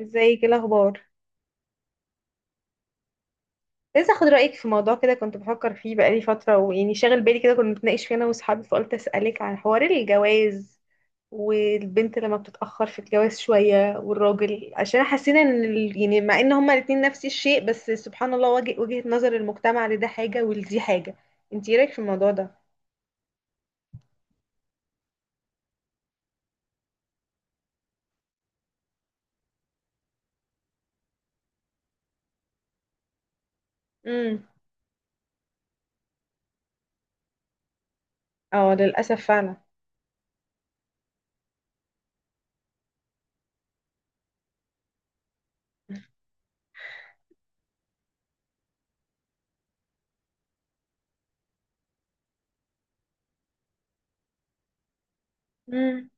ازيك؟ ايه الاخبار؟ لسه اخد رايك في موضوع كده، كنت بفكر فيه بقالي فتره ويعني شاغل بالي كده. كنا بنتناقش فيه انا واصحابي، فقلت اسالك عن حوار الجواز والبنت لما بتتاخر في الجواز شويه والراجل. عشان حسينا ان مع ان هما الاتنين نفس الشيء، بس سبحان الله وجهه نظر المجتمع لده حاجه ولدي حاجه. انت ايه رايك في الموضوع ده؟ امم. اه للاسف فعلا. امم،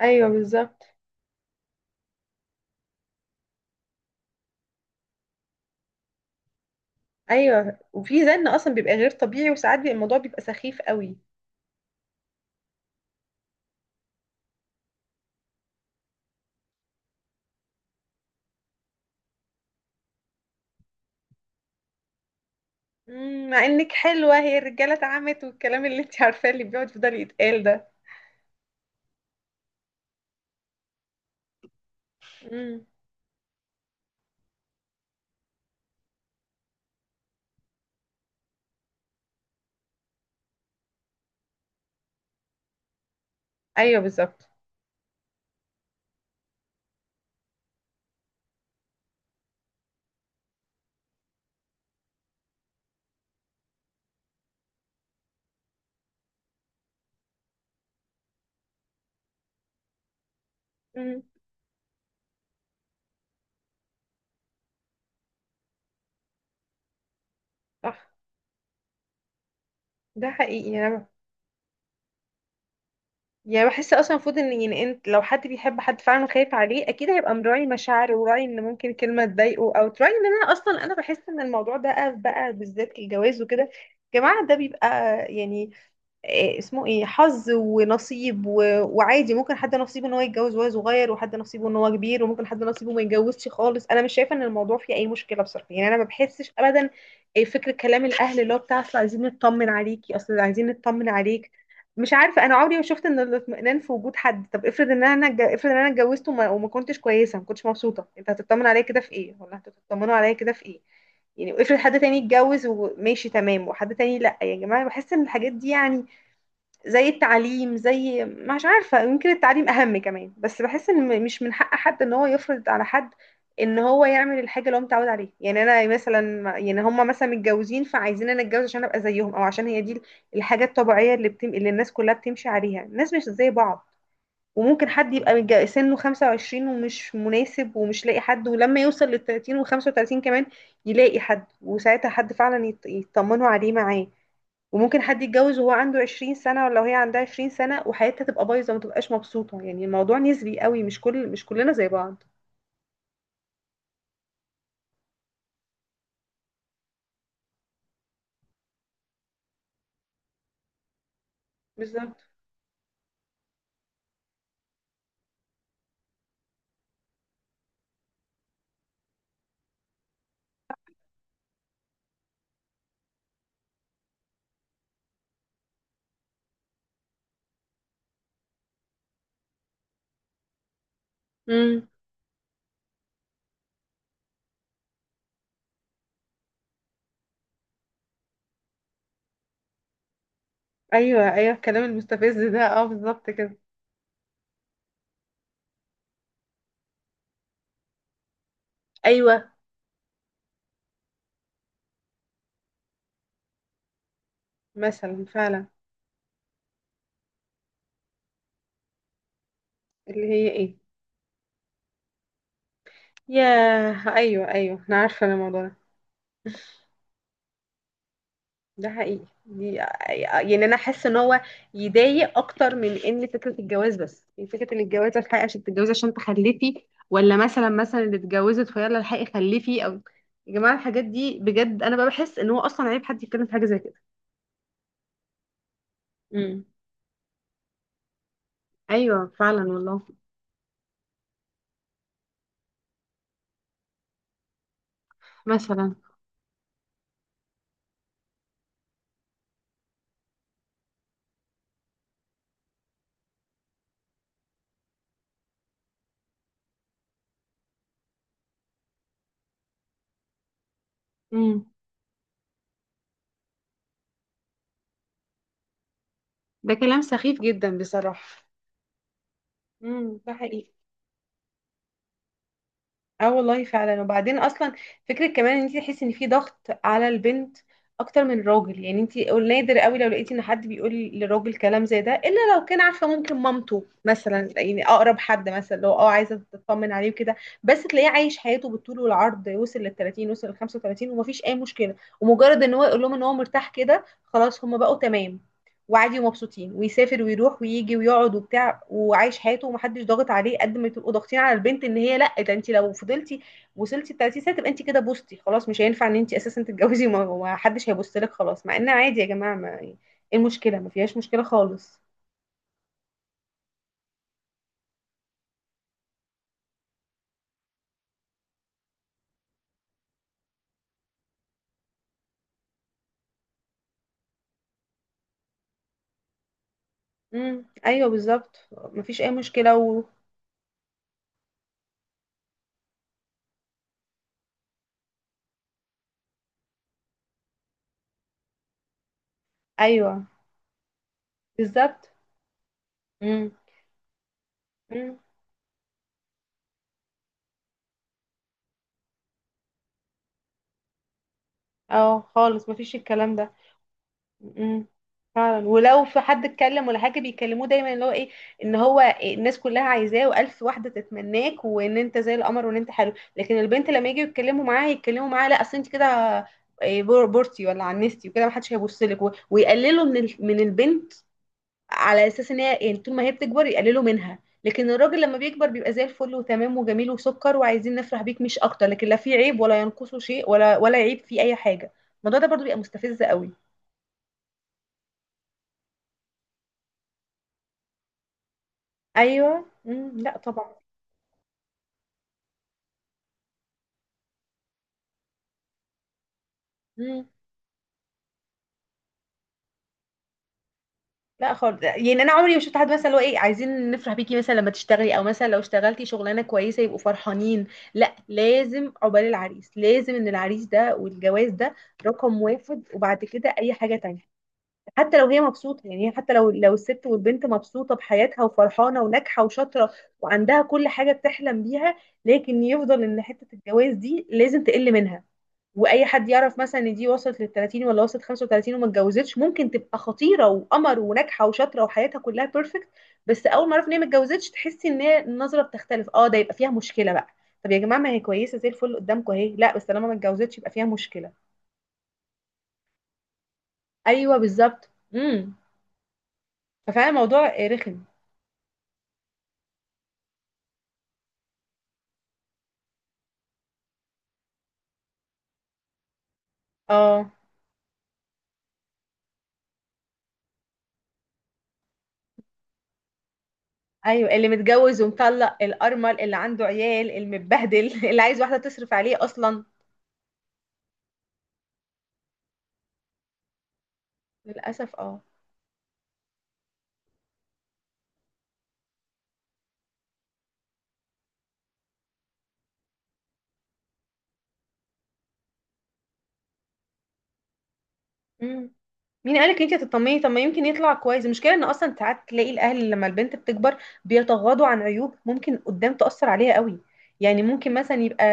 ايوه بالظبط. ايوه، وفي زن اصلا بيبقى غير طبيعي، وساعات بيبقى الموضوع سخيف قوي. مم، مع انك حلوة هي الرجالة اتعمت، والكلام اللي انت عارفاه اللي بيقعد يفضل يتقال ده. مم. ايوه بالظبط. مم، صح. ده حقيقي. انا بحس اصلا المفروض ان، يعني انت لو حد بيحب حد فعلا خايف عليه اكيد هيبقى مراعي مشاعره وراعي ان ممكن كلمة تضايقه، او تراعي ان انا. اصلا انا بحس ان الموضوع ده بقى بالذات الجواز وكده. يا جماعة ده بيبقى، يعني، إيه اسمه، ايه، حظ ونصيب وعادي. ممكن حد نصيبه ان هو يتجوز وهو صغير، وحد نصيبه ان هو كبير، وممكن حد نصيبه ما يتجوزش خالص. انا مش شايفه ان الموضوع فيه اي مشكله بصراحه، يعني انا ما بحسش ابدا. إيه فكره كلام الاهل اللي هو بتاع: اصل عايزين نطمن عليكي، اصل عايزين نطمن عليك، مش عارفه. انا عمري ما شفت ان الاطمئنان في وجود حد. طب افرض ان انا اتجوزت وما كنتش كويسه، ما كنتش مبسوطه، انت هتطمن عليا كده في ايه؟ ولا هتطمنوا عليا كده في ايه؟ يعني افرض حد تاني اتجوز وماشي تمام، وحد تاني لا. يا جماعه، بحس ان الحاجات دي، يعني زي التعليم، زي، مش عارفة، يمكن التعليم أهم كمان. بس بحس إن مش من حق حد إن هو يفرض على حد إن هو يعمل الحاجة اللي هو متعود عليها. يعني أنا مثلا، يعني هما مثلا متجوزين، فعايزين أنا أتجوز عشان أبقى زيهم، أو عشان هي دي الحاجة الطبيعية اللي الناس كلها بتمشي عليها. الناس مش زي بعض، وممكن حد يبقى سنه 25 ومش مناسب ومش لاقي حد، ولما يوصل لل 30 و 35 كمان يلاقي حد، وساعتها حد فعلا يطمنوا عليه معاه. وممكن حد يتجوز وهو عنده 20 سنة، ولا وهي عندها 20 سنة، وحياتها تبقى بايظة وما تبقاش مبسوطة. يعني الموضوع نسبي قوي، مش كلنا زي بعض. بالظبط. امم. ايوه ايوه، الكلام المستفز ده، اه بالظبط كده. ايوه مثلا فعلا. اللي هي ايه. ياه، ايوه ايوه، انا عارفة الموضوع ده. ده حقيقي دي. يعني انا حاسه ان هو يضايق اكتر من ان فكره الجواز بس. يعني فكره ان الجواز: الحقي عشان تتجوزي، عشان تخلفي، ولا مثلا اللي اتجوزت فيلا الحقي خلفي. او يا جماعه الحاجات دي، بجد انا بقى بحس ان هو اصلا عيب حد يتكلم في حاجه زي كده. امم. ايوه فعلا والله. مثلا. امم. ده كلام سخيف جدا بصراحه. امم، ده حقيقي. اه والله فعلا. وبعدين اصلا فكره كمان ان انت تحسي ان في ضغط على البنت اكتر من الراجل. يعني انت نادر قوي لو لقيتي ان حد بيقول للراجل كلام زي ده، الا لو كان عارفه، ممكن مامته مثلا، يعني اقرب حد مثلا، لو اه عايزه تطمن عليه وكده. بس تلاقيه عايش حياته بالطول والعرض، وصل لل 30، وصل لل 35، ومفيش اي مشكله. ومجرد ان هو يقول لهم ان هو مرتاح كده خلاص هم بقوا تمام، وعادي ومبسوطين، ويسافر ويروح ويجي ويقعد وبتاع وعايش حياته، ومحدش ضاغط عليه. قد ما تبقوا ضاغطين على البنت ان هي لا، ده انت لو فضلتي وصلتي ل 30 سنه تبقى انت كده بوستي خلاص، مش هينفع ان انت اساسا تتجوزي، وما حدش هيبص لك خلاص. مع ان عادي يا جماعه، ما ايه إيه المشكله؟ ما فيهاش مشكله خالص. امم، ايوه بالظبط، ما فيش اي مشكله ايوه بالظبط. امم. امم. اه خالص، ما فيش الكلام ده. امم. فعلا. ولو في حد اتكلم ولا حاجه بيكلموه دايما اللي هو ايه، ان هو الناس كلها عايزاه والف واحده تتمناك، وان انت زي القمر وان انت حلو. لكن البنت لما يجوا يتكلموا معاها، يتكلموا معاها لا اصل انت كده إيه، بورتي ولا عنستي وكده محدش هيبص لك، ويقللوا من البنت على اساس ان هي، يعني طول ما هي بتكبر يقللوا منها. لكن الراجل لما بيكبر بيبقى زي الفل وتمام وجميل وسكر وعايزين نفرح بيك مش اكتر، لكن لا في عيب ولا ينقصه شيء، ولا عيب في اي حاجه. الموضوع ده برضو بيبقى مستفز قوي. ايوه. امم. لا طبعا. امم. لا خالص، يعني انا عمري ما شفت حد مثلا اللي هو ايه عايزين نفرح بيكي مثلا لما تشتغلي، او مثلا لو اشتغلتي شغلانه كويسه يبقوا فرحانين. لا لازم عقبال العريس، لازم ان العريس ده والجواز ده رقم واحد، وبعد كده اي حاجه تانية. حتى لو هي مبسوطة، يعني حتى لو الست والبنت مبسوطة بحياتها وفرحانة وناجحة وشاطرة وعندها كل حاجة بتحلم بيها، لكن يفضل ان حتة الجواز دي لازم تقل منها. واي حد يعرف مثلا ان دي وصلت لل 30 ولا وصلت 35 وما اتجوزتش، ممكن تبقى خطيرة وقمر وناجحة وشاطرة وحياتها كلها بيرفكت، بس اول ما اعرف ان هي ما اتجوزتش تحسي ان هي النظرة بتختلف. اه ده يبقى فيها مشكلة بقى. طب يا جماعة ما هي كويسة زي الفل قدامكم اهي، لا بس طالما ما اتجوزتش يبقى فيها مشكلة. ايوه بالظبط. امم. ففعلا الموضوع رخم. اه ايوه، اللي متجوز ومطلق، الارمل، اللي عنده عيال، المتبهدل اللي عايز واحده تصرف عليه اصلا. للاسف اه. مم. مين قالك انت هتطمني؟ طب ما يمكن يطلع كويس. المشكله ان اصلا ساعات تلاقي الاهل لما البنت بتكبر بيتغاضوا عن عيوب ممكن قدام تاثر عليها قوي. يعني ممكن مثلا يبقى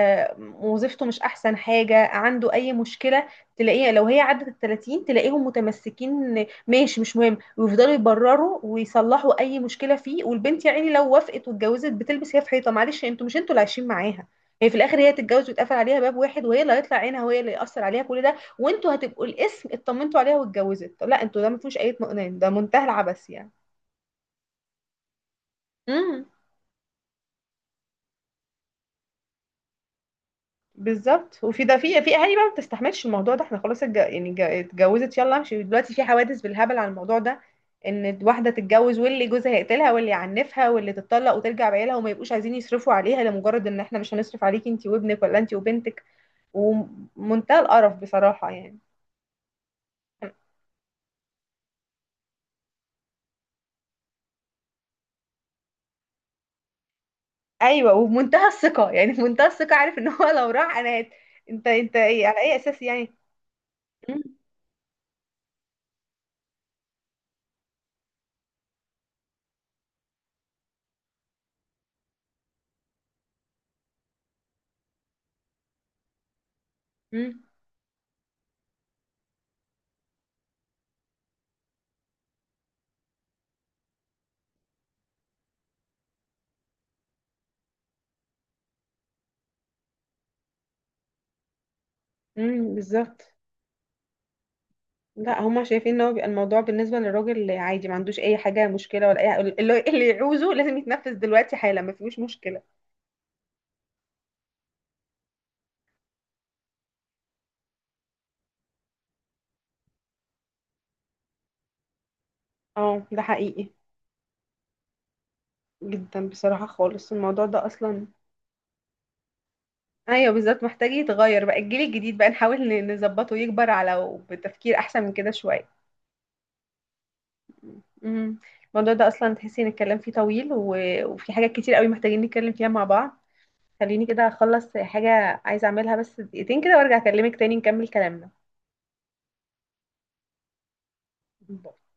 وظيفته مش احسن حاجه، عنده اي مشكله، تلاقيها لو هي عدت ال 30 تلاقيهم متمسكين، ماشي مش مهم، ويفضلوا يبرروا ويصلحوا اي مشكله فيه. والبنت يا عيني لو وافقت واتجوزت بتلبس هي في حيطه، معلش انتوا مش انتوا اللي عايشين معاها. هي في الاخر تتجوز ويتقفل عليها باب واحد، وهي اللي هيطلع عينها، وهي اللي ياثر عليها كل ده. وانتوا هتبقوا الاسم اطمنتوا عليها واتجوزت. طب لا انتوا، ده ما فيهوش اي اطمئنان، ده منتهى العبث يعني. امم. بالظبط. وفي ده، في في اهالي بقى ما بتستحملش الموضوع ده، احنا خلاص اتجوزت، يلا امشي دلوقتي. في حوادث بالهبل على الموضوع ده، ان واحده تتجوز واللي جوزها يقتلها واللي يعنفها واللي تتطلق وترجع بعيالها، وما يبقوش عايزين يصرفوا عليها لمجرد ان احنا مش هنصرف عليكي انت وابنك، ولا انت وبنتك. ومنتهى القرف بصراحه يعني. ايوه وبمنتهى الثقه، يعني بمنتهى الثقه، عارف ان هو لو راح انا انت انت ايه على اي اساس يعني؟ مم. مم. مم. بالظبط. لا هما شايفين ان هو بيبقى الموضوع بالنسبه للراجل عادي، ما عندوش اي حاجه مشكله، ولا اي اللي يعوزه لازم يتنفذ دلوقتي حالا، ما فيهوش مشكله. اه ده حقيقي. جدا بصراحه خالص الموضوع ده اصلا. ايوه بالظبط، محتاج يتغير بقى الجيل الجديد بقى، نحاول نظبطه يكبر على بتفكير احسن من كده شويه. مم. الموضوع ده اصلا تحسي ان الكلام فيه طويل وفي حاجات كتير قوي محتاجين نتكلم فيها مع بعض. خليني كده اخلص حاجه عايزه اعملها، بس دقيقتين كده وارجع اكلمك تاني نكمل كلامنا. بال.